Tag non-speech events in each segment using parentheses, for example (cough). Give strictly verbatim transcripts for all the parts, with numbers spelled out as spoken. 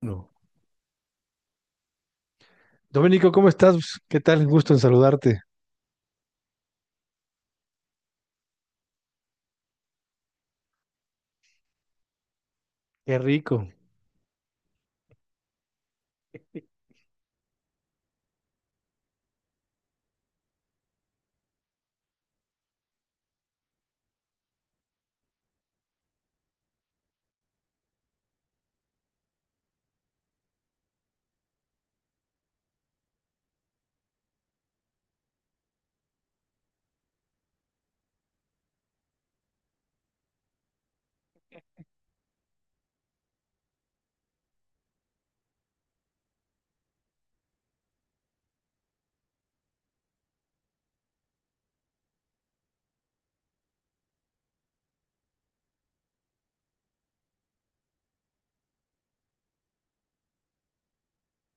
No. Domenico, ¿cómo estás? ¿Qué tal? Un gusto en saludarte. Qué rico.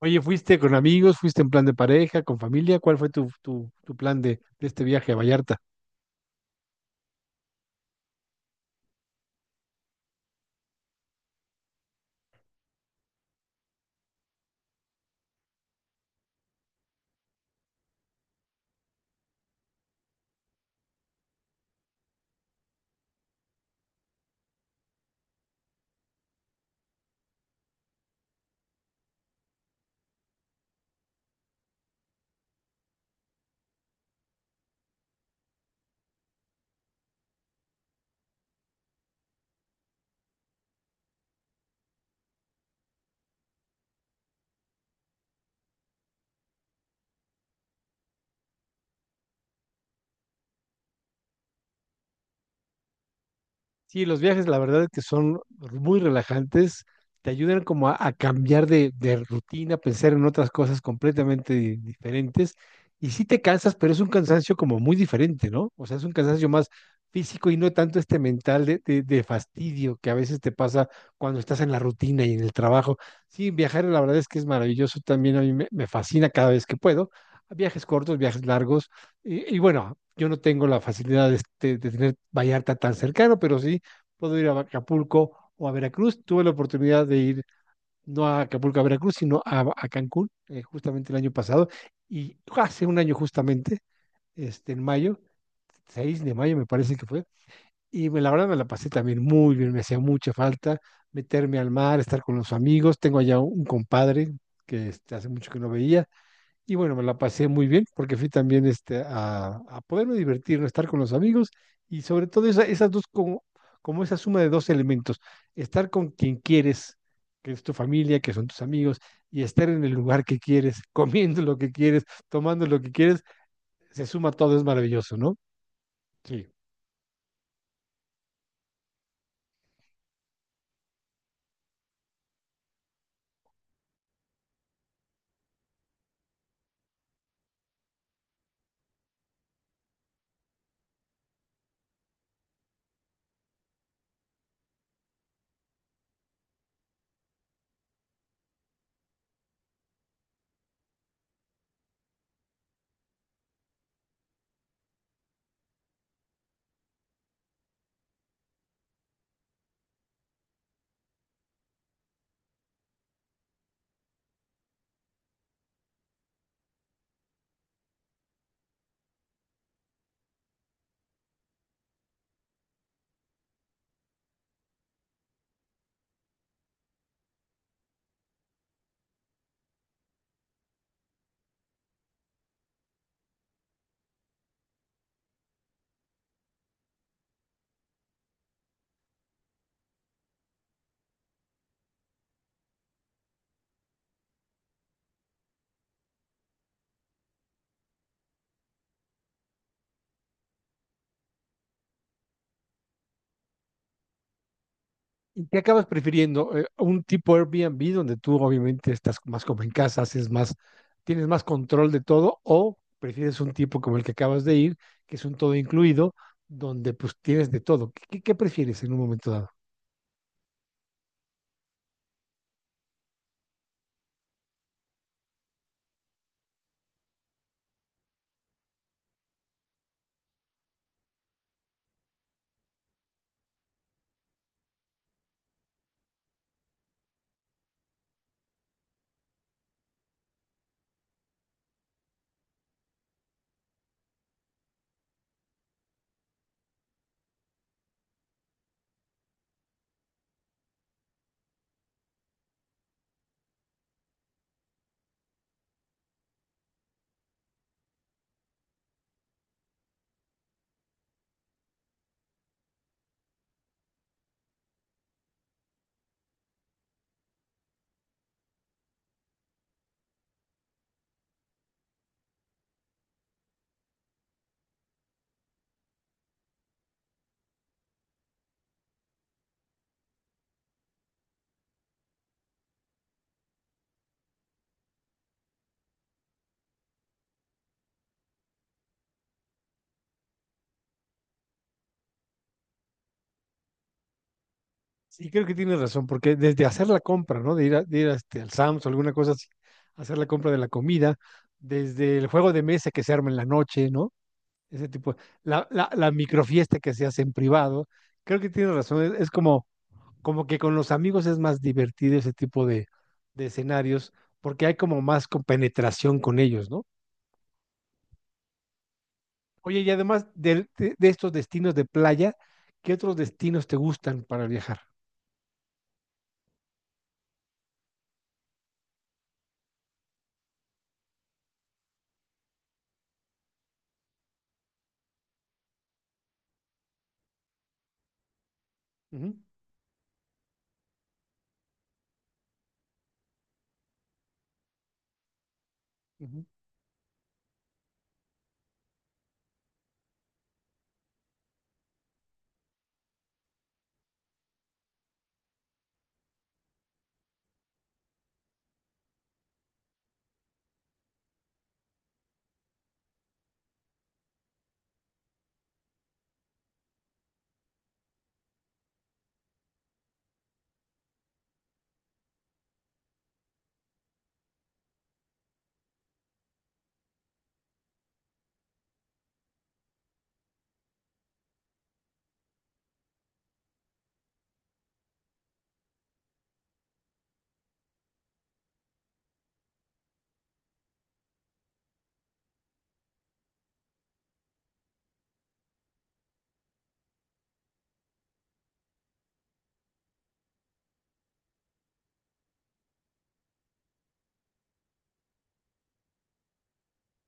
Oye, ¿fuiste con amigos? ¿Fuiste en plan de pareja, con familia? ¿Cuál fue tu, tu, tu plan de, de este viaje a Vallarta? Sí, los viajes, la verdad es que son muy relajantes, te ayudan como a, a cambiar de, de rutina, pensar en otras cosas completamente di- diferentes. Y sí te cansas, pero es un cansancio como muy diferente, ¿no? O sea, es un cansancio más físico y no tanto este mental de, de- de fastidio que a veces te pasa cuando estás en la rutina y en el trabajo. Sí, viajar la verdad es que es maravilloso también, a mí me, me fascina cada vez que puedo. Viajes cortos, viajes largos. Y, y bueno, yo no tengo la facilidad de, este- de tener Vallarta tan cercano, pero sí puedo ir a Acapulco o a Veracruz. Tuve la oportunidad de ir no a Acapulco, a Veracruz, sino a, a Cancún, eh, justamente el año pasado, y hace un año justamente, este, en mayo, seis de mayo me parece que fue, y me, la verdad me la pasé también muy bien, me hacía mucha falta meterme al mar, estar con los amigos, tengo allá un compadre que este, hace mucho que no veía, y bueno, me la pasé muy bien porque fui también este, a, a poderme divertir, ¿no? Estar con los amigos y sobre todo esa- esas dos, como, como esa suma de dos elementos, estar con quien quieres, que es tu familia, que son tus amigos, y estar en el lugar que quieres, (laughs) comiendo lo que quieres, tomando lo que quieres, se suma todo, es maravilloso, ¿no? Sí. ¿Y ¿qué acabas prefiriendo? Eh, ¿Un tipo Airbnb donde tú obviamente estás más como en casa, haces más, tienes más control de todo? ¿O prefieres un tipo como el que acabas de ir, que es un todo incluido, donde pues tienes de todo? ¿Qué, qué- qué prefieres en un momento dado? Sí, creo que tienes razón, porque desde hacer la compra, ¿no? De ir, a- de ir a este, al Sam's o alguna cosa así, hacer la compra de la comida, desde el juego de mesa que se arma en la noche, ¿no? Ese tipo, la, la, la microfiesta que se hace en privado. Creo que tienes razón, es es como como que con los amigos es más divertido ese tipo de, de escenarios porque hay como más compenetración con ellos, ¿no? Oye, y además del- de, de estos destinos de playa, ¿qué otros destinos te gustan para viajar? Ujú, ujú.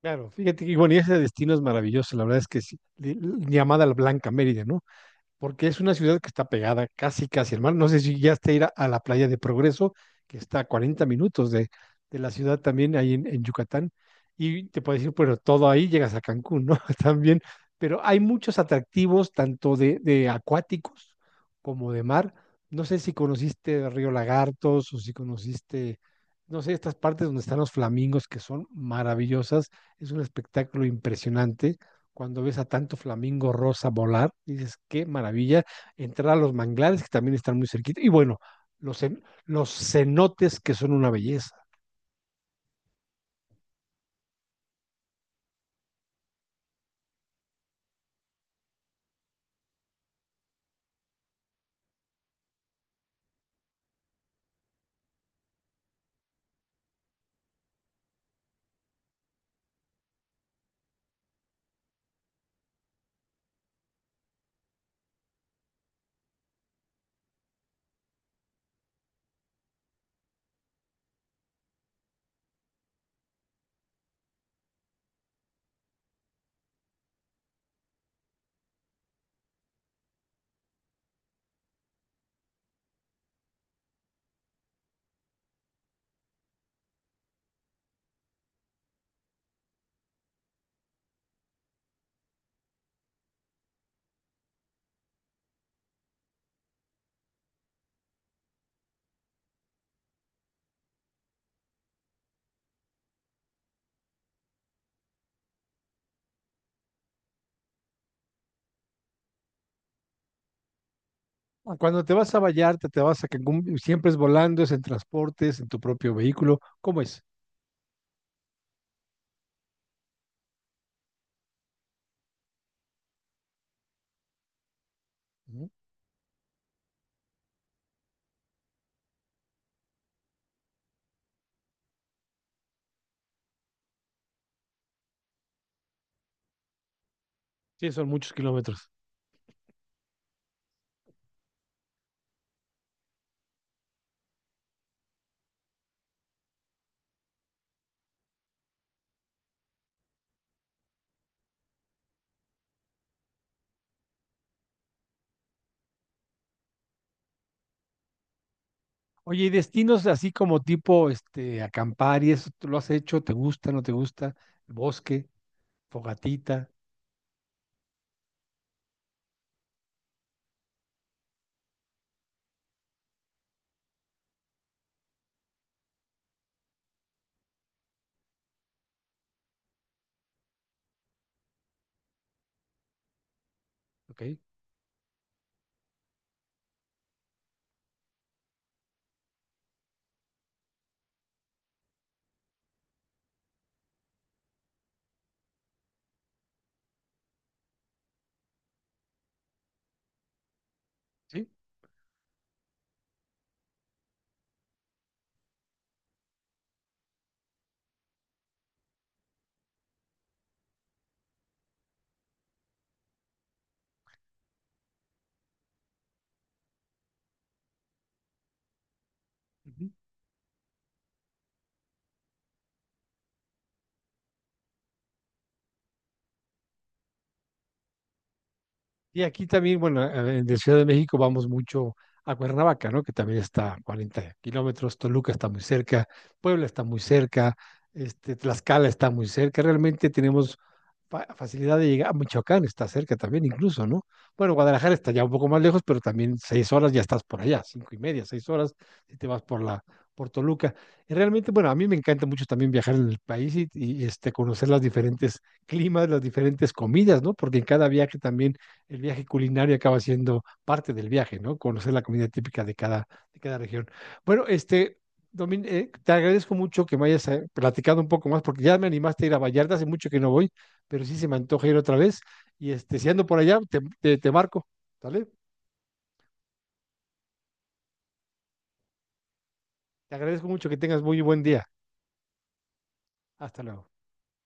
Claro, fíjate que, bueno, y ese destino es maravilloso, la verdad es que sí, li- li- llamada la Blanca Mérida, ¿no? Porque es una ciudad que está pegada casi, casi al mar. No sé si ya está ir a, a la playa de Progreso, que está a cuarenta minutos de, de la ciudad también, ahí en, en Yucatán. Y te puedes decir, pero todo ahí llegas a Cancún, ¿no? (laughs) También. Pero hay muchos atractivos, tanto de, de acuáticos como de mar. No sé si conociste Río Lagartos o si conociste, no sé, estas partes donde están los flamingos que son maravillosas. Es un espectáculo impresionante cuando ves a tanto flamingo rosa volar, dices, qué maravilla, entrar a los manglares que también están muy cerquita, y bueno, los, los cenotes que son una belleza. Cuando te vas a Vallarta, te vas a Cancún, siempre es volando, es en transportes, en tu propio vehículo, ¿cómo es? Sí, son muchos kilómetros. Oye, ¿y destinos así como tipo este, acampar y eso, tú lo has hecho? ¿Te gusta, no te gusta? ¿El Bosque, fogatita, ok? Sí. Ujú. Y aquí también, bueno, eh, de Ciudad de México vamos mucho a Cuernavaca, ¿no? Que también está a cuarenta kilómetros, Toluca está muy cerca, Puebla está muy cerca, este, Tlaxcala está muy cerca, realmente tenemos fa- facilidad de llegar, Michoacán está cerca también incluso, ¿no? Bueno, Guadalajara está ya un poco más lejos, pero también seis horas ya estás por allá, cinco y media, seis horas, si te vas por la, por Toluca. Y realmente, bueno, a mí me encanta mucho también viajar en el país y, y, este, conocer las diferentes climas, las diferentes comidas, ¿no? Porque en cada viaje también el viaje culinario acaba siendo parte del viaje, ¿no? Conocer la comida típica de cada, de cada región. Bueno, este, Domin, eh, te agradezco mucho que me hayas eh, platicado un poco más, porque ya me animaste a ir a Vallarta, hace mucho que no voy, pero sí se me antoja ir otra vez. Y este, si ando por allá, te, te, te marco, ¿vale? Te agradezco mucho que tengas muy buen día. Hasta luego.